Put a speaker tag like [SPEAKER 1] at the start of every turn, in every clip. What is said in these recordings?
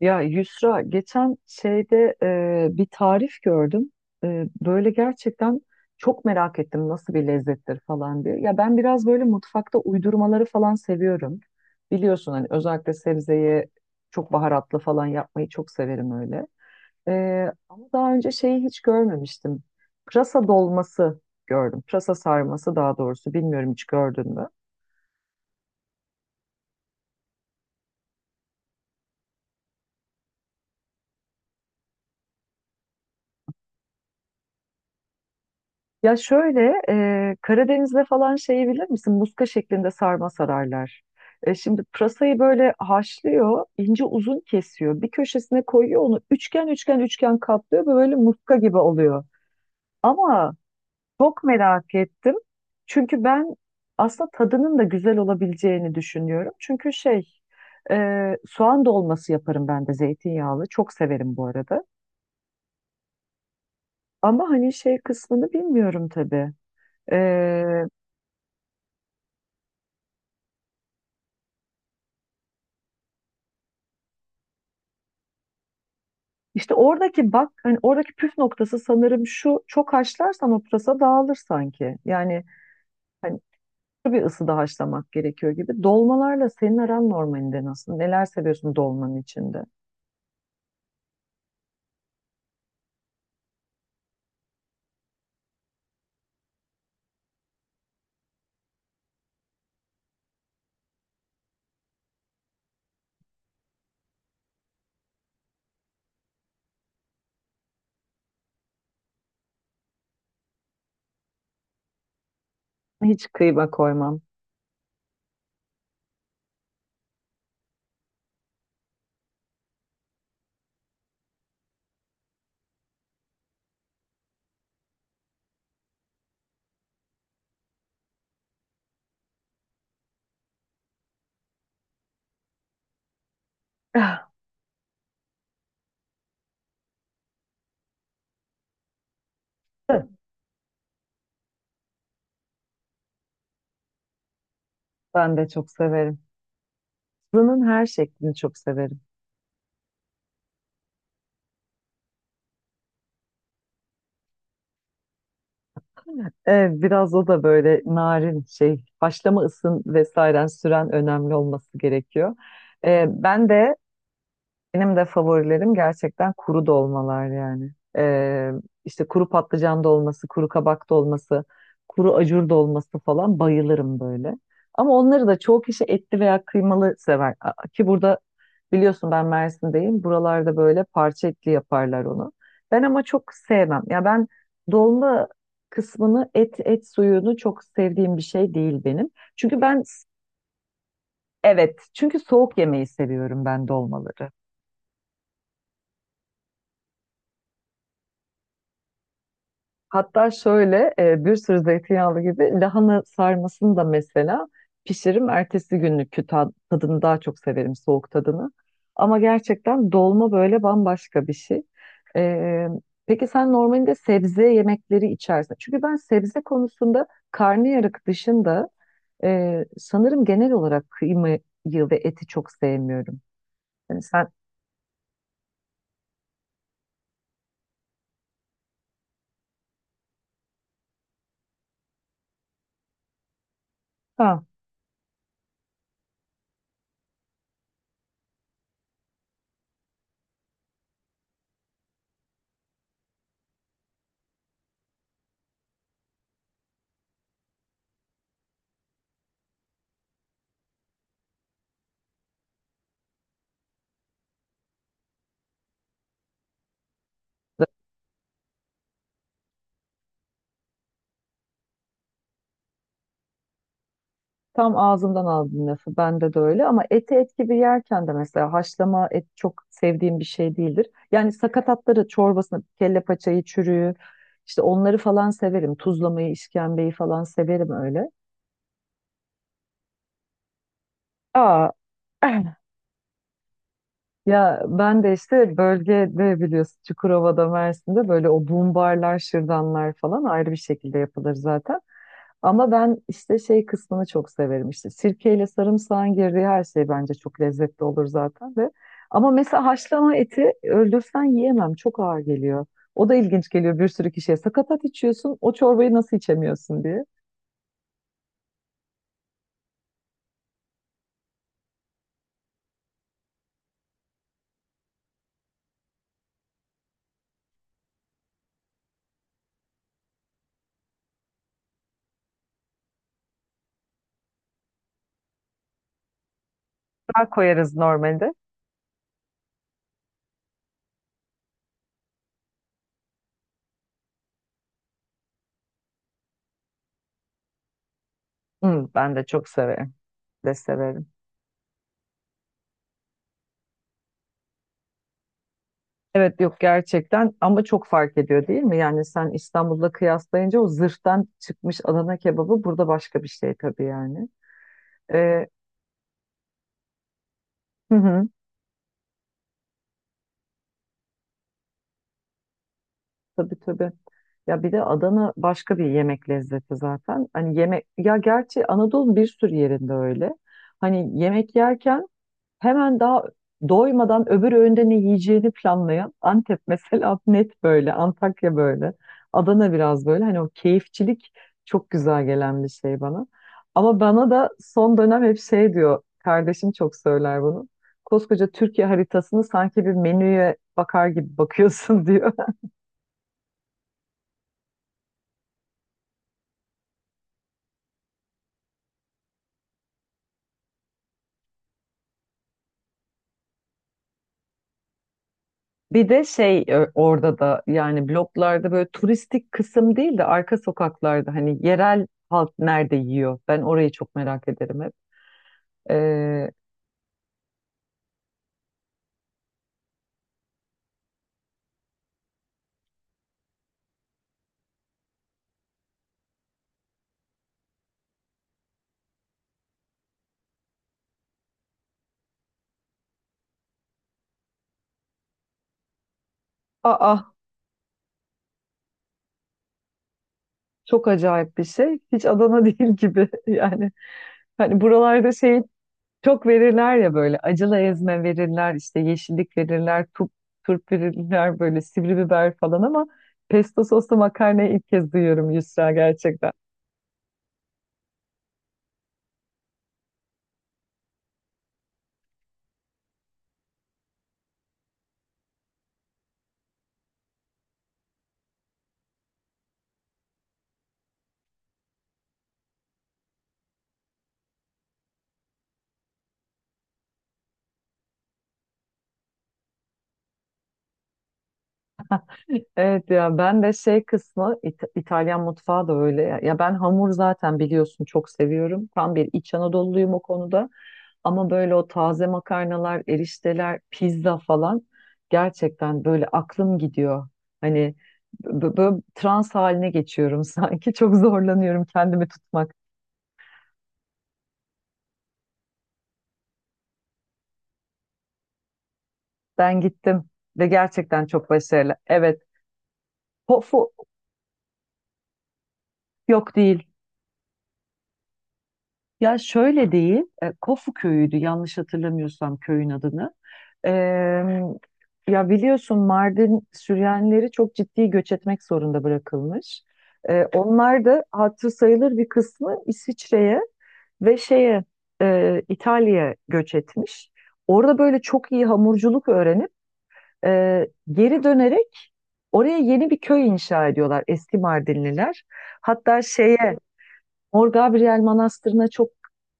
[SPEAKER 1] Ya Yusra geçen şeyde bir tarif gördüm. Böyle gerçekten çok merak ettim nasıl bir lezzettir falan diye. Ya ben biraz böyle mutfakta uydurmaları falan seviyorum. Biliyorsun hani özellikle sebzeyi çok baharatlı falan yapmayı çok severim öyle. E, Ama daha önce şeyi hiç görmemiştim. Pırasa dolması gördüm. Pırasa sarması daha doğrusu, bilmiyorum, hiç gördün mü? Ya şöyle, Karadeniz'de falan şeyi bilir misin? Muska şeklinde sarma sararlar. Şimdi pırasayı böyle haşlıyor, ince uzun kesiyor. Bir köşesine koyuyor, onu üçgen üçgen üçgen katlıyor ve böyle muska gibi oluyor. Ama çok merak ettim. Çünkü ben aslında tadının da güzel olabileceğini düşünüyorum. Çünkü şey, e, soğan dolması yaparım ben de zeytinyağlı. Çok severim bu arada. Ama hani şey kısmını bilmiyorum tabii. İşte oradaki bak, hani oradaki püf noktası sanırım şu: çok haşlarsan o pırasa dağılır sanki. Yani hani bir ısıda haşlamak gerekiyor gibi. Dolmalarla senin aran normalinde nasıl? Neler seviyorsun dolmanın içinde? Hiç kıyma koymam. Ah, ben de çok severim. Fırının her şeklini çok severim. Evet, biraz o da böyle narin şey, haşlama ısın vesaire süren önemli olması gerekiyor. Ben de benim de favorilerim gerçekten kuru dolmalar yani. Ee, işte kuru patlıcan dolması, kuru kabak dolması, kuru acur dolması falan bayılırım böyle. Ama onları da çoğu kişi etli veya kıymalı sever. Ki burada biliyorsun ben Mersin'deyim. Buralarda böyle parça etli yaparlar onu. Ben ama çok sevmem. Ya ben dolma kısmını, et suyunu çok sevdiğim bir şey değil benim. Çünkü ben evet, çünkü soğuk yemeyi seviyorum ben dolmaları. Hatta şöyle bir sürü zeytinyağlı gibi lahana sarmasını da mesela pişiririm. Ertesi günlükü tadını daha çok severim, soğuk tadını. Ama gerçekten dolma böyle bambaşka bir şey. E, peki sen normalde sebze yemekleri içersin. Çünkü ben sebze konusunda karnıyarık dışında sanırım genel olarak kıymayı ve eti çok sevmiyorum. Yani sen, ha. Tam ağzımdan aldın lafı. Bende de öyle ama eti et gibi yerken de mesela haşlama et çok sevdiğim bir şey değildir. Yani sakatatları, çorbasını, kelle paçayı, çürüğü, işte onları falan severim. Tuzlamayı, işkembeyi falan severim öyle. Aa. Ya ben de işte bölgede, biliyorsun, Çukurova'da, Mersin'de böyle o boom barlar, şırdanlar falan ayrı bir şekilde yapılır zaten. Ama ben işte şey kısmını çok severim, işte sirkeyle sarımsağın girdiği her şey bence çok lezzetli olur zaten de. Ama mesela haşlama eti öldürsen yiyemem, çok ağır geliyor. O da ilginç geliyor bir sürü kişiye. Sakatat içiyorsun, o çorbayı nasıl içemiyorsun diye. Daha koyarız normalde. Hı, ben de çok severim. De severim. Evet, yok gerçekten ama çok fark ediyor değil mi? Yani sen İstanbul'da kıyaslayınca o zırhtan çıkmış Adana kebabı burada başka bir şey tabii yani. Ee, hı hı, tabii tabii. Ya bir de Adana başka bir yemek lezzeti zaten. Hani yemek ya, gerçi Anadolu'nun bir sürü yerinde öyle. Hani yemek yerken hemen daha doymadan öbür öğünde ne yiyeceğini planlayan Antep mesela, net böyle, Antakya böyle, Adana biraz böyle. Hani o keyifçilik çok güzel gelen bir şey bana. Ama bana da son dönem hep şey diyor, kardeşim çok söyler bunu. Koskoca Türkiye haritasını sanki bir menüye bakar gibi bakıyorsun diyor. Bir de şey orada da yani bloklarda böyle turistik kısım değil de arka sokaklarda hani yerel halk nerede yiyor? Ben orayı çok merak ederim hep. Ee, Aa, çok acayip bir şey. Hiç Adana değil gibi. Yani hani buralarda şey çok verirler ya, böyle acılı ezme verirler, işte yeşillik verirler, turp, turp verirler, böyle sivri biber falan, ama pesto soslu makarnayı ilk kez duyuyorum Yusra, gerçekten. Evet, ya ben de şey kısmı İtalyan mutfağı da öyle. Ya ben hamur, zaten biliyorsun, çok seviyorum. Tam bir İç Anadolu'luyum o konuda. Ama böyle o taze makarnalar, erişteler, pizza falan gerçekten böyle aklım gidiyor. Hani böyle trans haline geçiyorum sanki. Çok zorlanıyorum kendimi tutmak. Ben gittim ve gerçekten çok başarılı. Evet, Kofu. Yok değil. Ya şöyle değil, Kofu köyüydü yanlış hatırlamıyorsam köyün adını. Eee, ya biliyorsun Mardin Süryanileri çok ciddi göç etmek zorunda bırakılmış. Onlar da hatırı sayılır bir kısmı İsviçre'ye ve şeye İtalya'ya göç etmiş. Orada böyle çok iyi hamurculuk öğrenip geri dönerek oraya yeni bir köy inşa ediyorlar eski Mardinliler. Hatta şeye Mor Gabriel Manastırı'na çok,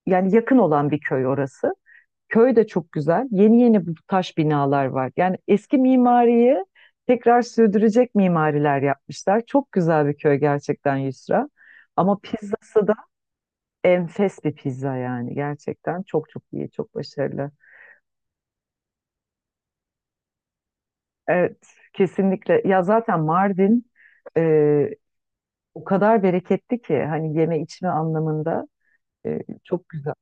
[SPEAKER 1] yani yakın olan bir köy orası. Köy de çok güzel. Yeni yeni bu taş binalar var. Yani eski mimariyi tekrar sürdürecek mimariler yapmışlar. Çok güzel bir köy gerçekten Yusra. Ama pizzası da enfes bir pizza yani. Gerçekten çok çok iyi, çok başarılı. Evet, kesinlikle. Ya zaten Mardin e, o kadar bereketli ki hani yeme içme anlamında e, çok güzel.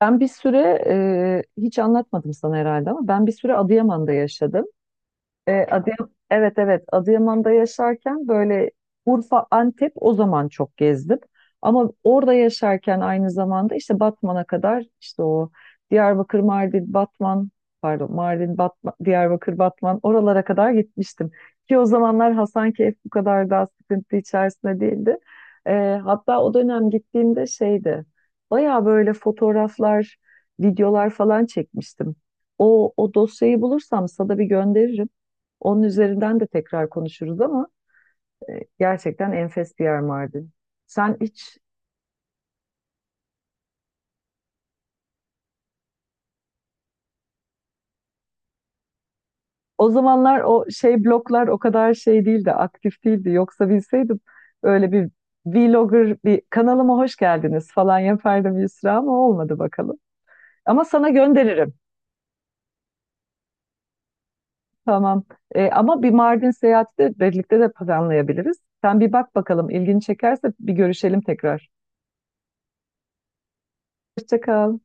[SPEAKER 1] Ben bir süre hiç anlatmadım sana herhalde ama ben bir süre Adıyaman'da yaşadım. Evet evet, Adıyaman'da yaşarken böyle Urfa, Antep o zaman çok gezdim. Ama orada yaşarken aynı zamanda işte Batman'a kadar, işte o Diyarbakır, Mardin, Batman, pardon, Mardin, Batman, Diyarbakır, Batman, oralara kadar gitmiştim. Ki o zamanlar Hasankeyf bu kadar daha sıkıntı içerisinde değildi. E, hatta o dönem gittiğimde şeydi, baya böyle fotoğraflar, videolar falan çekmiştim. O dosyayı bulursam sana bir gönderirim. Onun üzerinden de tekrar konuşuruz ama e, gerçekten enfes bir yer Mardin. Sen hiç o zamanlar o şey bloklar o kadar şey değildi, aktif değildi. Yoksa bilseydim öyle bir vlogger, bir kanalıma hoş geldiniz falan yapardım Yusra, ama olmadı bakalım. Ama sana gönderirim. Tamam. Ama bir Mardin seyahati de birlikte de planlayabiliriz. Sen bir bak bakalım, ilgini çekerse bir görüşelim tekrar. Hoşça kal.